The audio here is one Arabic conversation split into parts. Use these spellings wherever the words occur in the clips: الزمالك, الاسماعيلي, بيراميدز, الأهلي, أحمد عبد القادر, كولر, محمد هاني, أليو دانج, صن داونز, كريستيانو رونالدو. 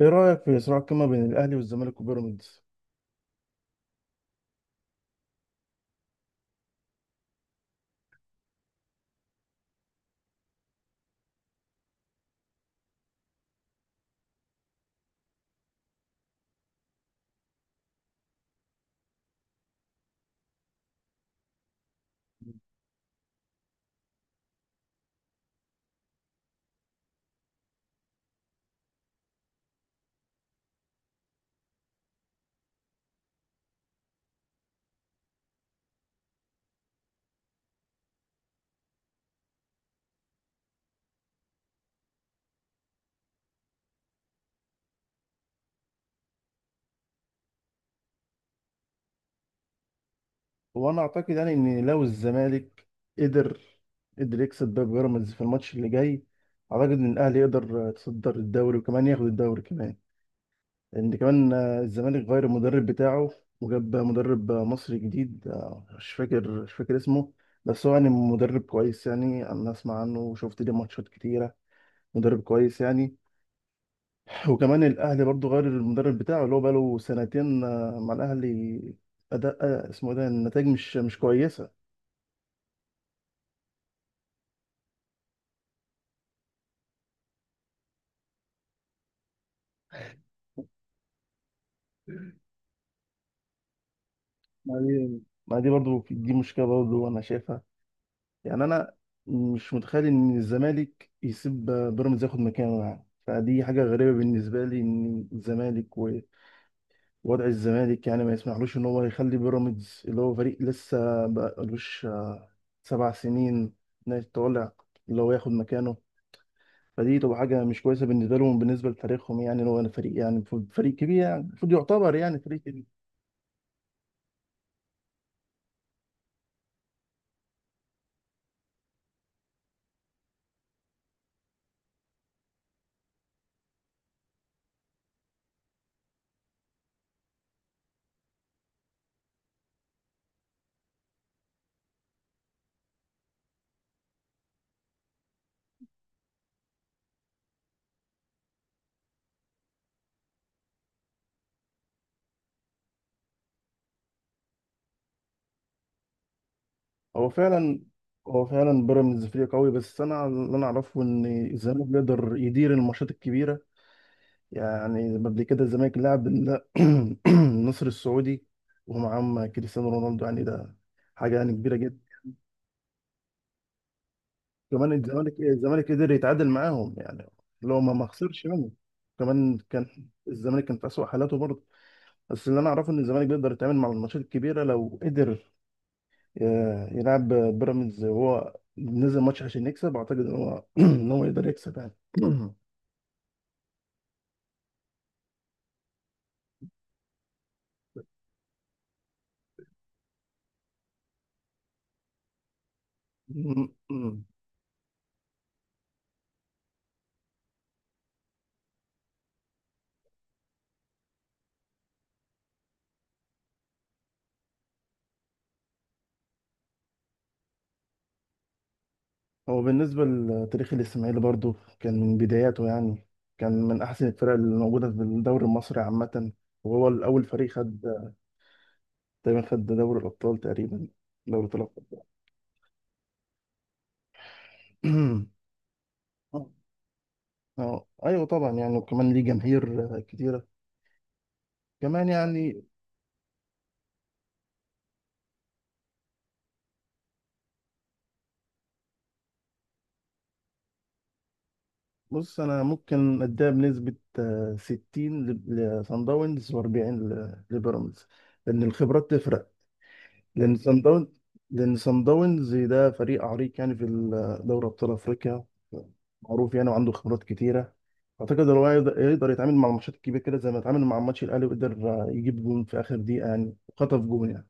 ايه رايك في صراع القمه بين الاهلي والزمالك وبيراميدز؟ وانا اعتقد يعني ان لو الزمالك قدر قدر يكسب باب بيراميدز في الماتش اللي جاي، اعتقد ان الاهلي يقدر يتصدر الدوري وكمان ياخد الدوري كمان. لان كمان الزمالك غير المدرب بتاعه، وجاب مدرب مصري جديد. مش فاكر اسمه، بس هو يعني مدرب كويس يعني، انا اسمع عنه وشفت ليه ماتشات كتيره، مدرب كويس يعني. وكمان الاهلي برضو غير المدرب بتاعه اللي هو بقاله سنتين مع الاهلي. اداء، اسمه إيه ده، النتائج مش كويسه. بعدين ما دي برضو، دي مشكله برضو انا شايفها، يعني انا مش متخيل ان الزمالك يسيب بيراميدز ياخد مكانه، يعني فدي حاجه غريبه بالنسبه لي ان الزمالك ووضع الزمالك، يعني ما يسمحلوش ان هو يخلي بيراميدز اللي هو فريق لسه بقالوش 7 سنين إنه يتولع اللي هو ياخد مكانه. فدي تبقى حاجة مش كويسة بالنسبة لهم، بالنسبة لتاريخهم، يعني لو أنا فريق، يعني فريق كبير، يعني المفروض يعتبر يعني فريق كبير. هو فعلا هو فعلا بيراميدز فريق قوي، بس أنا اللي أنا أعرفه إن الزمالك بيقدر يدير الماتشات الكبيرة. يعني قبل كده الزمالك لعب النصر السعودي ومعاهم كريستيانو رونالدو، يعني ده حاجة يعني كبيرة جدا. كمان الزمالك قدر يتعادل معاهم يعني، اللي هو ما خسرش منه. كمان كان الزمالك كان في أسوأ حالاته برضه. بس اللي انا اعرفه ان الزمالك بيقدر يتعامل مع الماتشات الكبيره لو قدر ي- يلعب بيراميدز وهو نزل ماتش عشان يكسب. اعتقد ان هو ان هو يقدر يكسب يعني. هو بالنسبه لتاريخ الاسماعيلي برضو كان من بداياته، يعني كان من احسن الفرق اللي موجوده في الدوري المصري عامه. وهو الاول فريق خد تقريبا، خد دوري الابطال تقريبا، دوري الابطال. اه، ايوه طبعا يعني، وكمان ليه جماهير كتيره كمان يعني. بص انا ممكن اديها بنسبه 60 لصن داونز و40 لبيراميدز، لان الخبرات تفرق. لان صن داونز، ده فريق عريق يعني في دوري ابطال افريقيا، معروف يعني وعنده خبرات كتيره. اعتقد هو يقدر يتعامل مع الماتشات الكبيره كده، زي ما اتعامل مع ماتش الاهلي وقدر يجيب جون في اخر دقيقه يعني، وخطف جون يعني.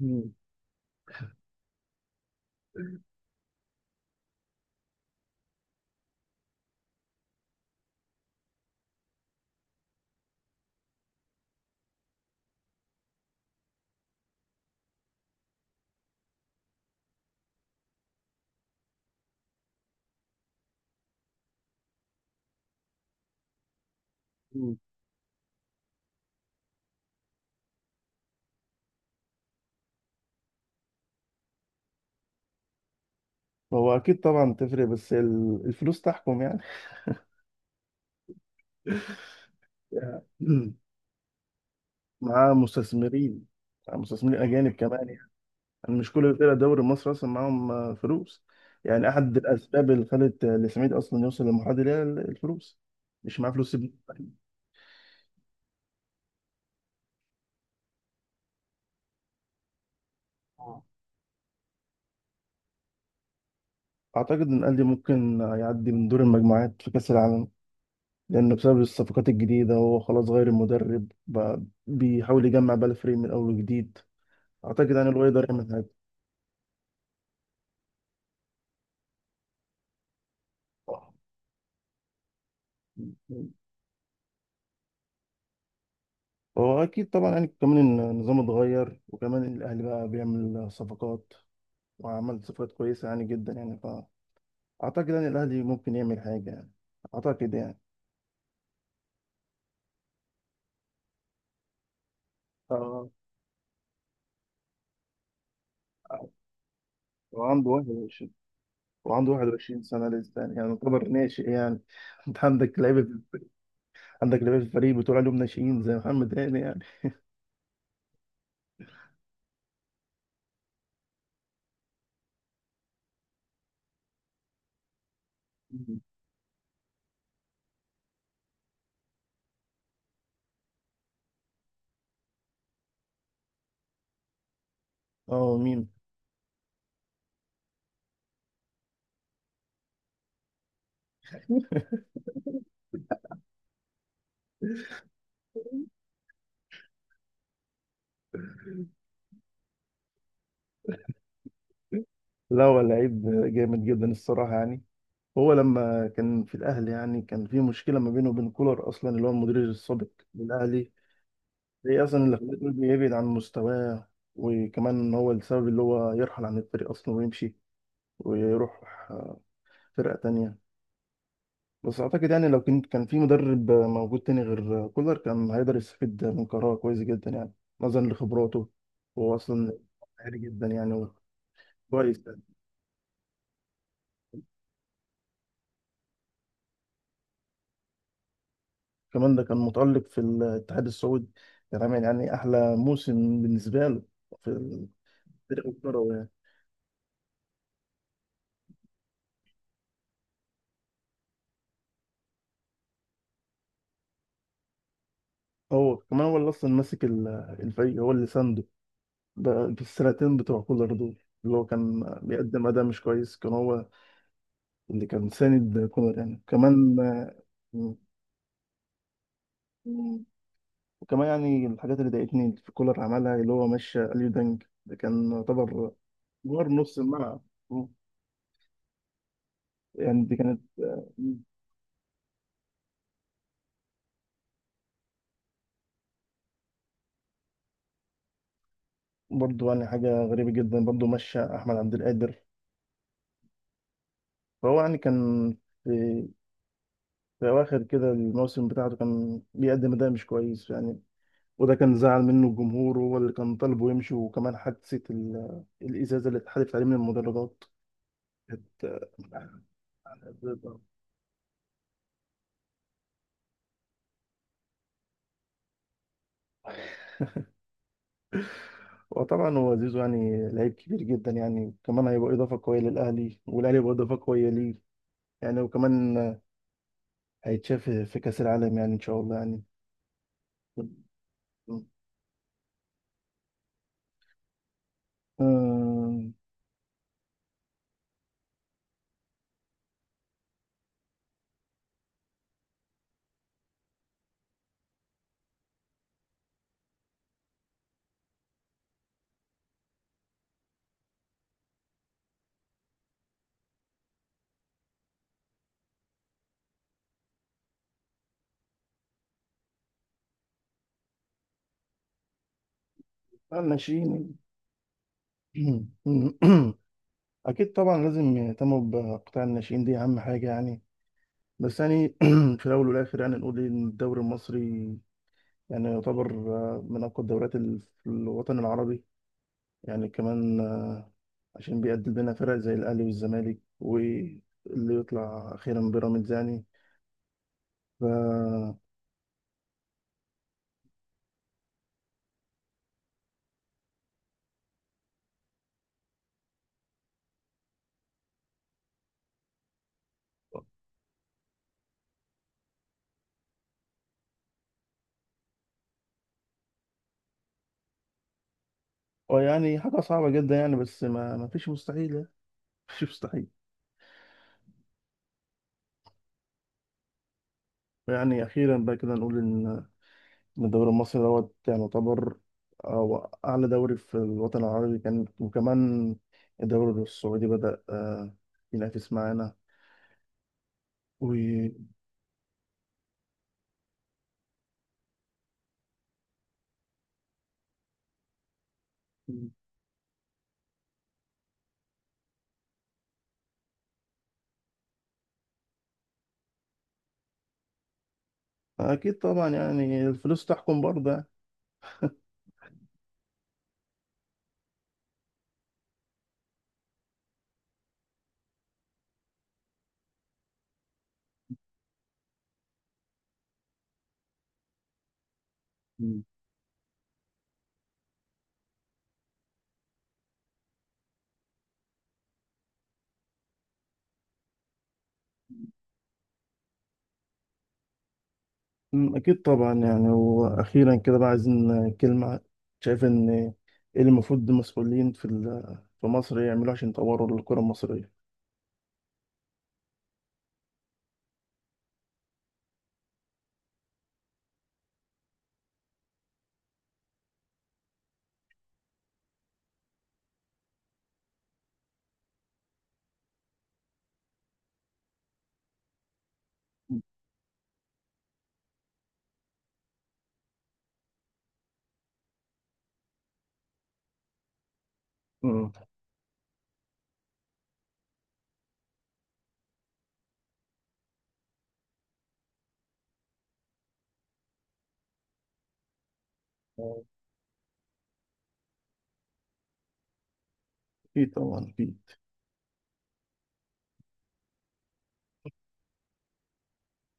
مم. مم. هو اكيد طبعا تفرق، بس الفلوس تحكم يعني. مع مستثمرين مع مستثمرين اجانب كمان يعني، يعني مش كل فرق الدوري المصري اصلا معاهم فلوس. يعني احد الاسباب اللي خلت الاسماعيلي اصلا يوصل للمرحله دي هي الفلوس، مش معاه فلوس يبني فريق. اعتقد ان الاهلي ممكن يعدي من دور المجموعات في كاس العالم، لانه بسبب الصفقات الجديده هو خلاص غير المدرب بقى، بيحاول يجمع بقى الفريق من اول وجديد. اعتقد يعني هو يقدر يعمل حاجه. هو اكيد طبعا يعني كمان النظام اتغير، وكمان الاهلي بقى بيعمل صفقات وعمل صفقات كويسة يعني جدا يعني، فأعتقد يعني الأهلي ممكن يعمل حاجة يعني، أعتقد يعني. آه وعنده 21 وعنده 21 سنة لسه يعني، يعني يعتبر ناشئ يعني. أنت عندك لعيبة في الفريق، بتقول عليهم ناشئين زي محمد هاني يعني. أه، مين؟ لا هو لعيب جامد جدا الصراحة يعني. هو لما كان في الأهلي يعني كان في مشكلة ما بينه وبين كولر، أصلا اللي هو المدير السابق للأهلي. هي اصلا اللي خلته يبعد عن مستواه، وكمان هو السبب اللي هو يرحل عن الفريق اصلا ويمشي ويروح آه، فرقة تانية. بس اعتقد يعني لو كان في مدرب موجود تاني غير كولر كان هيقدر يستفيد من قراره كويس جدا يعني، نظرا لخبراته وهو اصلا عالي جدا يعني. كويس. كمان ده كان متألق في الاتحاد السعودي، كان عامل يعني احلى موسم بالنسبة له في الفريق الكروي يعني. هو كمان هو اللي اصلا ماسك الفريق، هو اللي سانده بالسنتين بتوع كولر دول. اللي هو كان بيقدم أداء مش كويس كان هو اللي كان ساند كولر يعني، كمان مم. وكمان يعني الحاجات اللي ضايقتني في كولر عملها اللي هو مشى أليو دانج، ده كان يعتبر جوهر نص الملعب. مم. يعني دي كانت برضو، يعني حاجة غريبة جدا برضو مشى أحمد عبد القادر. فهو يعني كان في, في أواخر كده الموسم بتاعته كان بيقدم أداء مش كويس يعني، وده كان زعل منه الجمهور وهو اللي كان طالبه يمشي، وكمان حادثة الإزازة اللي اتحدفت عليه من المدرجات كانت. وطبعا هو زيزو يعني لعيب كبير جدا يعني، كمان هيبقى إضافة قوية للأهلي والأهلي هيبقى إضافة قوية ليه يعني، وكمان هيتشاف في كأس العالم يعني، إن شاء الله يعني. آم، الناشئين. أكيد طبعا لازم يهتموا بقطاع الناشئين، دي أهم حاجة يعني. بس يعني في الأول والآخر يعني نقول إن الدوري المصري يعني يعتبر من أقوى الدوريات في الوطن العربي يعني، كمان عشان بيقدم لنا فرق زي الأهلي والزمالك واللي يطلع أخيرا بيراميدز يعني. ف ويعني حاجة صعبة جدا يعني، بس ما فيش مستحيل يعني. ما فيش مستحيل. يعني أخيرا بقى كده نقول إن الدوري المصري دوت يعني يعتبر، أو أعلى دوري في الوطن العربي كان، وكمان الدوري السعودي بدأ ينافس معانا. أكيد طبعا يعني الفلوس تحكم برضه يعني. مم. أكيد طبعا يعني، وأخيرا كده بقى عايزين كلمة، شايف إن إيه اللي المفروض المسؤولين في في مصر يعملوه عشان يطوروا الكرة المصرية؟ أمم، أكيد طبعا أكيد.